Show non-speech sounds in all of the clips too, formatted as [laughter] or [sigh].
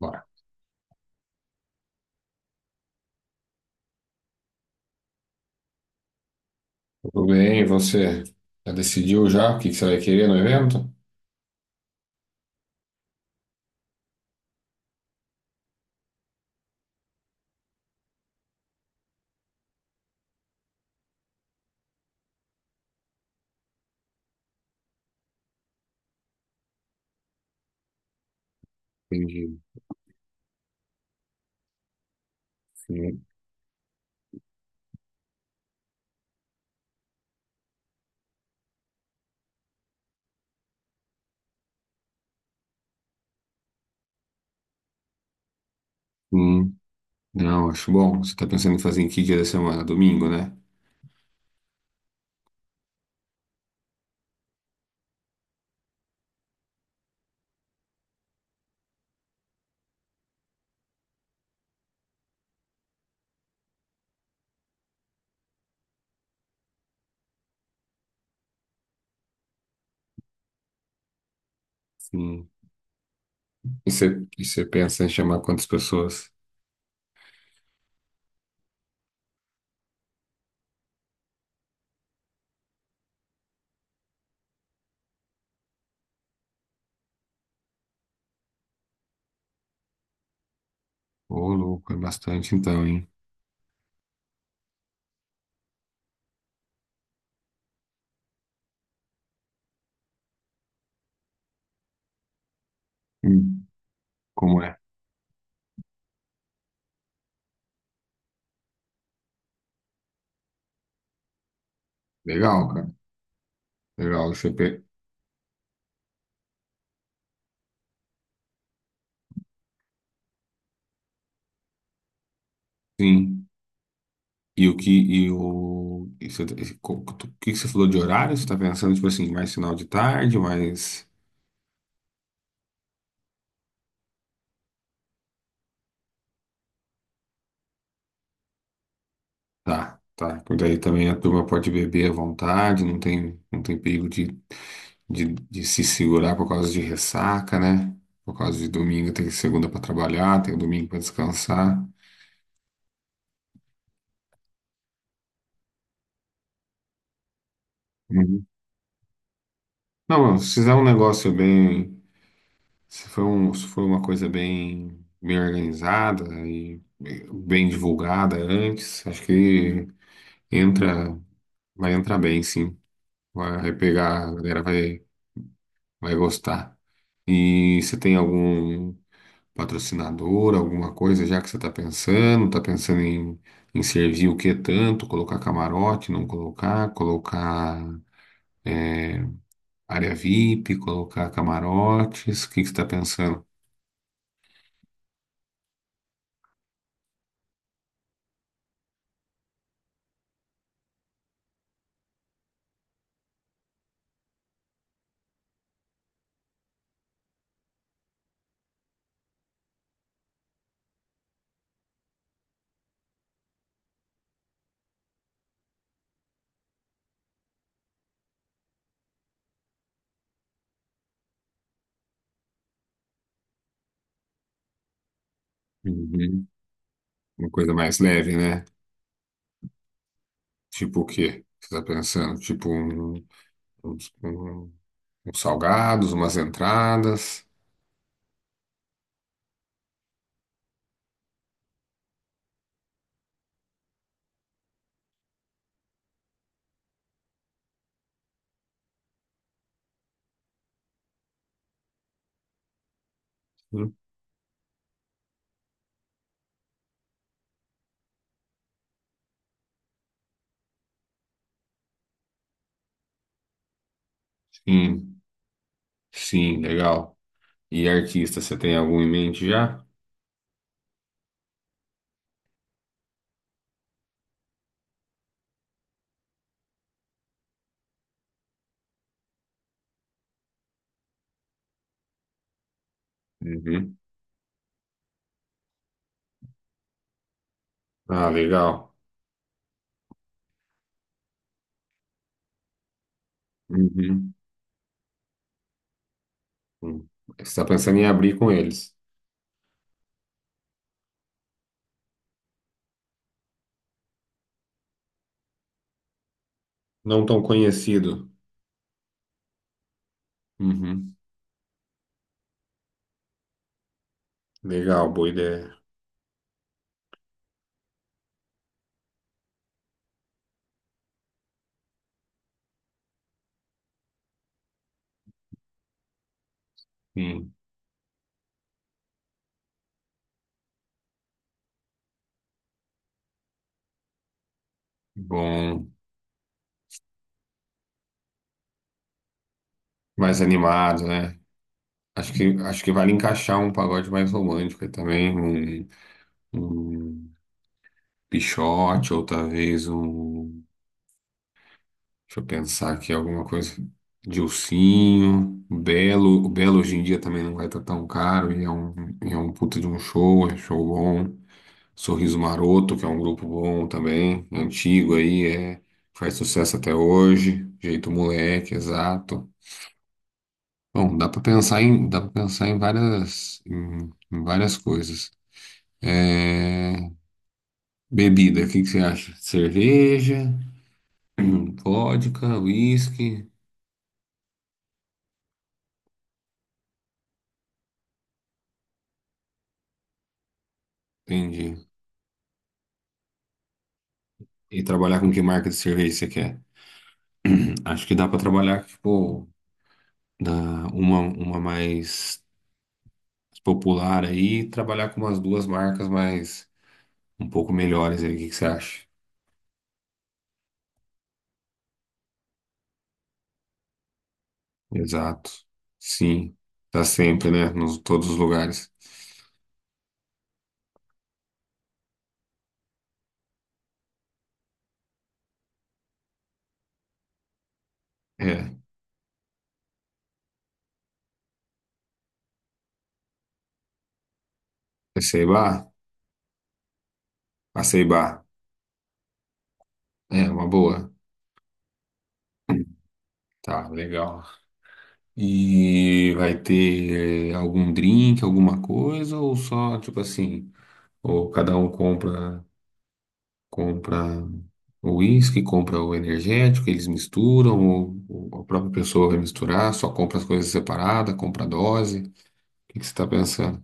Bora. Tudo bem, e você já decidiu já o que que você vai querer no evento? Entendi. Sim. Hum, não, acho bom. Você está pensando em fazer em que dia da semana? Domingo, né? Sim. E você pensa em chamar quantas pessoas? Ô, louco, é bastante então, hein? Hum. Como é? Legal, cara. Legal, Sim. E o que e o e você- e co- o que que você falou de horário? Você está pensando tipo assim, mais final de tarde, mais... Tá, tá. Por daí também a turma pode beber à vontade, não tem perigo de se segurar por causa de ressaca, né? Por causa de domingo tem segunda para trabalhar, tem domingo para descansar. Uhum. Não, mano, se fizer um negócio bem, se for um, se for uma coisa bem, bem organizada e bem divulgada antes, acho que entra, vai entrar bem, sim. Vai pegar, vai gostar. E você tem algum patrocinador, alguma coisa, já que está pensando em, em servir o que tanto, colocar camarote, não colocar, colocar área VIP, colocar camarotes, o que que você está pensando? Uhum. Uma coisa mais leve, né? Tipo o quê? Você está pensando? Uns, um- uns salgados, umas entradas. Sim, sim, legal. E artista, você tem algum em mente já? Uhum. Ah, legal. Uhum. Hum. Você está pensando em abrir com eles. Não tão conhecido. Uhum. Legal, boa ideia. Sim. Bom, mais animado, né? Acho que vale encaixar um pagode mais romântico aí também, um Pixote, ou talvez um... Deixa eu pensar aqui, alguma coisa. Dilsinho, Belo. O Belo hoje em dia também não vai estar tão caro, e é um puta de um show, é show bom. Sorriso Maroto, que é um grupo bom também, antigo aí, é, faz sucesso até hoje. Jeito Moleque, exato. Bom, dá para pensar em várias, em, em várias coisas. É, bebida, o que que você acha? Cerveja, [clears throat] vodka, whisky... Entendi. E trabalhar com que marca de cerveja você quer? [clears throat] Acho que dá pra trabalhar, tipo, da, uma mais popular aí, e trabalhar com umas duas marcas mais um pouco melhores aí. O que que você acha? Exato. Sim. Tá sempre, né? Nos todos os lugares. É. Aceibá? Aceibá. É, uma boa. Tá, legal. E vai ter algum drink, alguma coisa, ou só, tipo assim, ou cada um compra compra o uísque, compra o energético, eles misturam, ou a própria pessoa vai misturar, só compra as coisas separadas, compra a dose. O que que você tá pensando?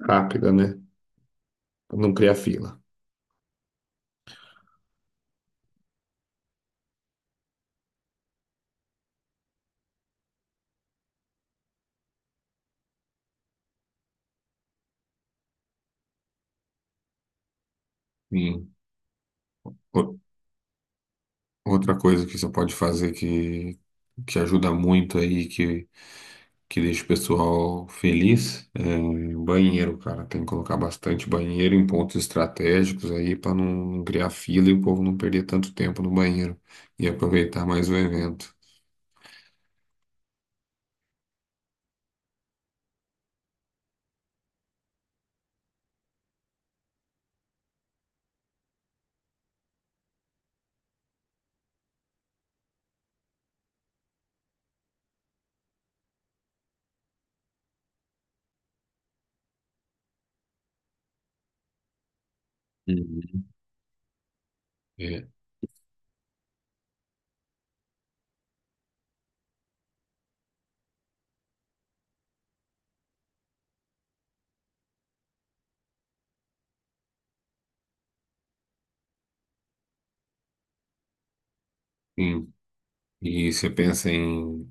Rápida, né? Não criar fila. Sim. O- Outra coisa que você pode fazer que ajuda muito aí, que deixa o pessoal feliz, é banheiro, cara. Tem que colocar bastante banheiro em pontos estratégicos aí para não criar fila e o povo não perder tanto tempo no banheiro e aproveitar mais o evento. Uhum. É, sim. E você pensa em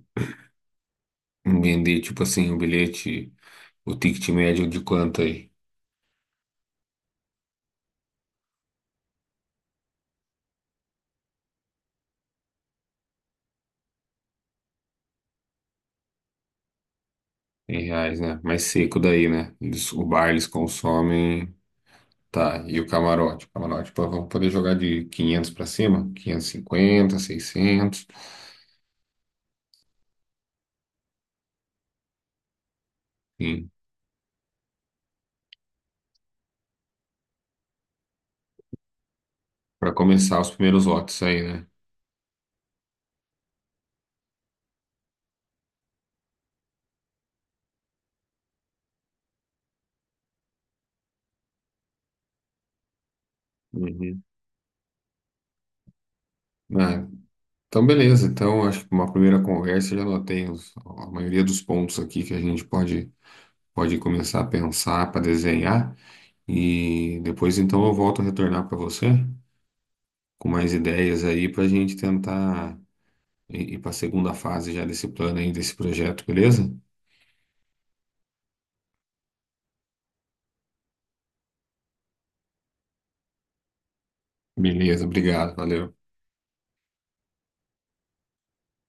em vender, tipo assim, o bilhete, o ticket médio de quanto aí? Em reais, né? Mais seco daí, né? Eles- o bar eles consomem. Tá, e o camarote? O camarote, pô, vamos poder jogar de 500 pra cima? 550, 600. Sim, pra começar os primeiros lotes aí, né? Uhum. Ah, então, beleza. Então, acho que uma primeira conversa eu já anotei os- a maioria dos pontos aqui que a gente pode, pode começar a pensar para desenhar. E depois, então, eu volto a retornar para você com mais ideias aí para a gente tentar ir para a segunda fase já desse plano aí, desse projeto, beleza? Beleza, obrigado, valeu.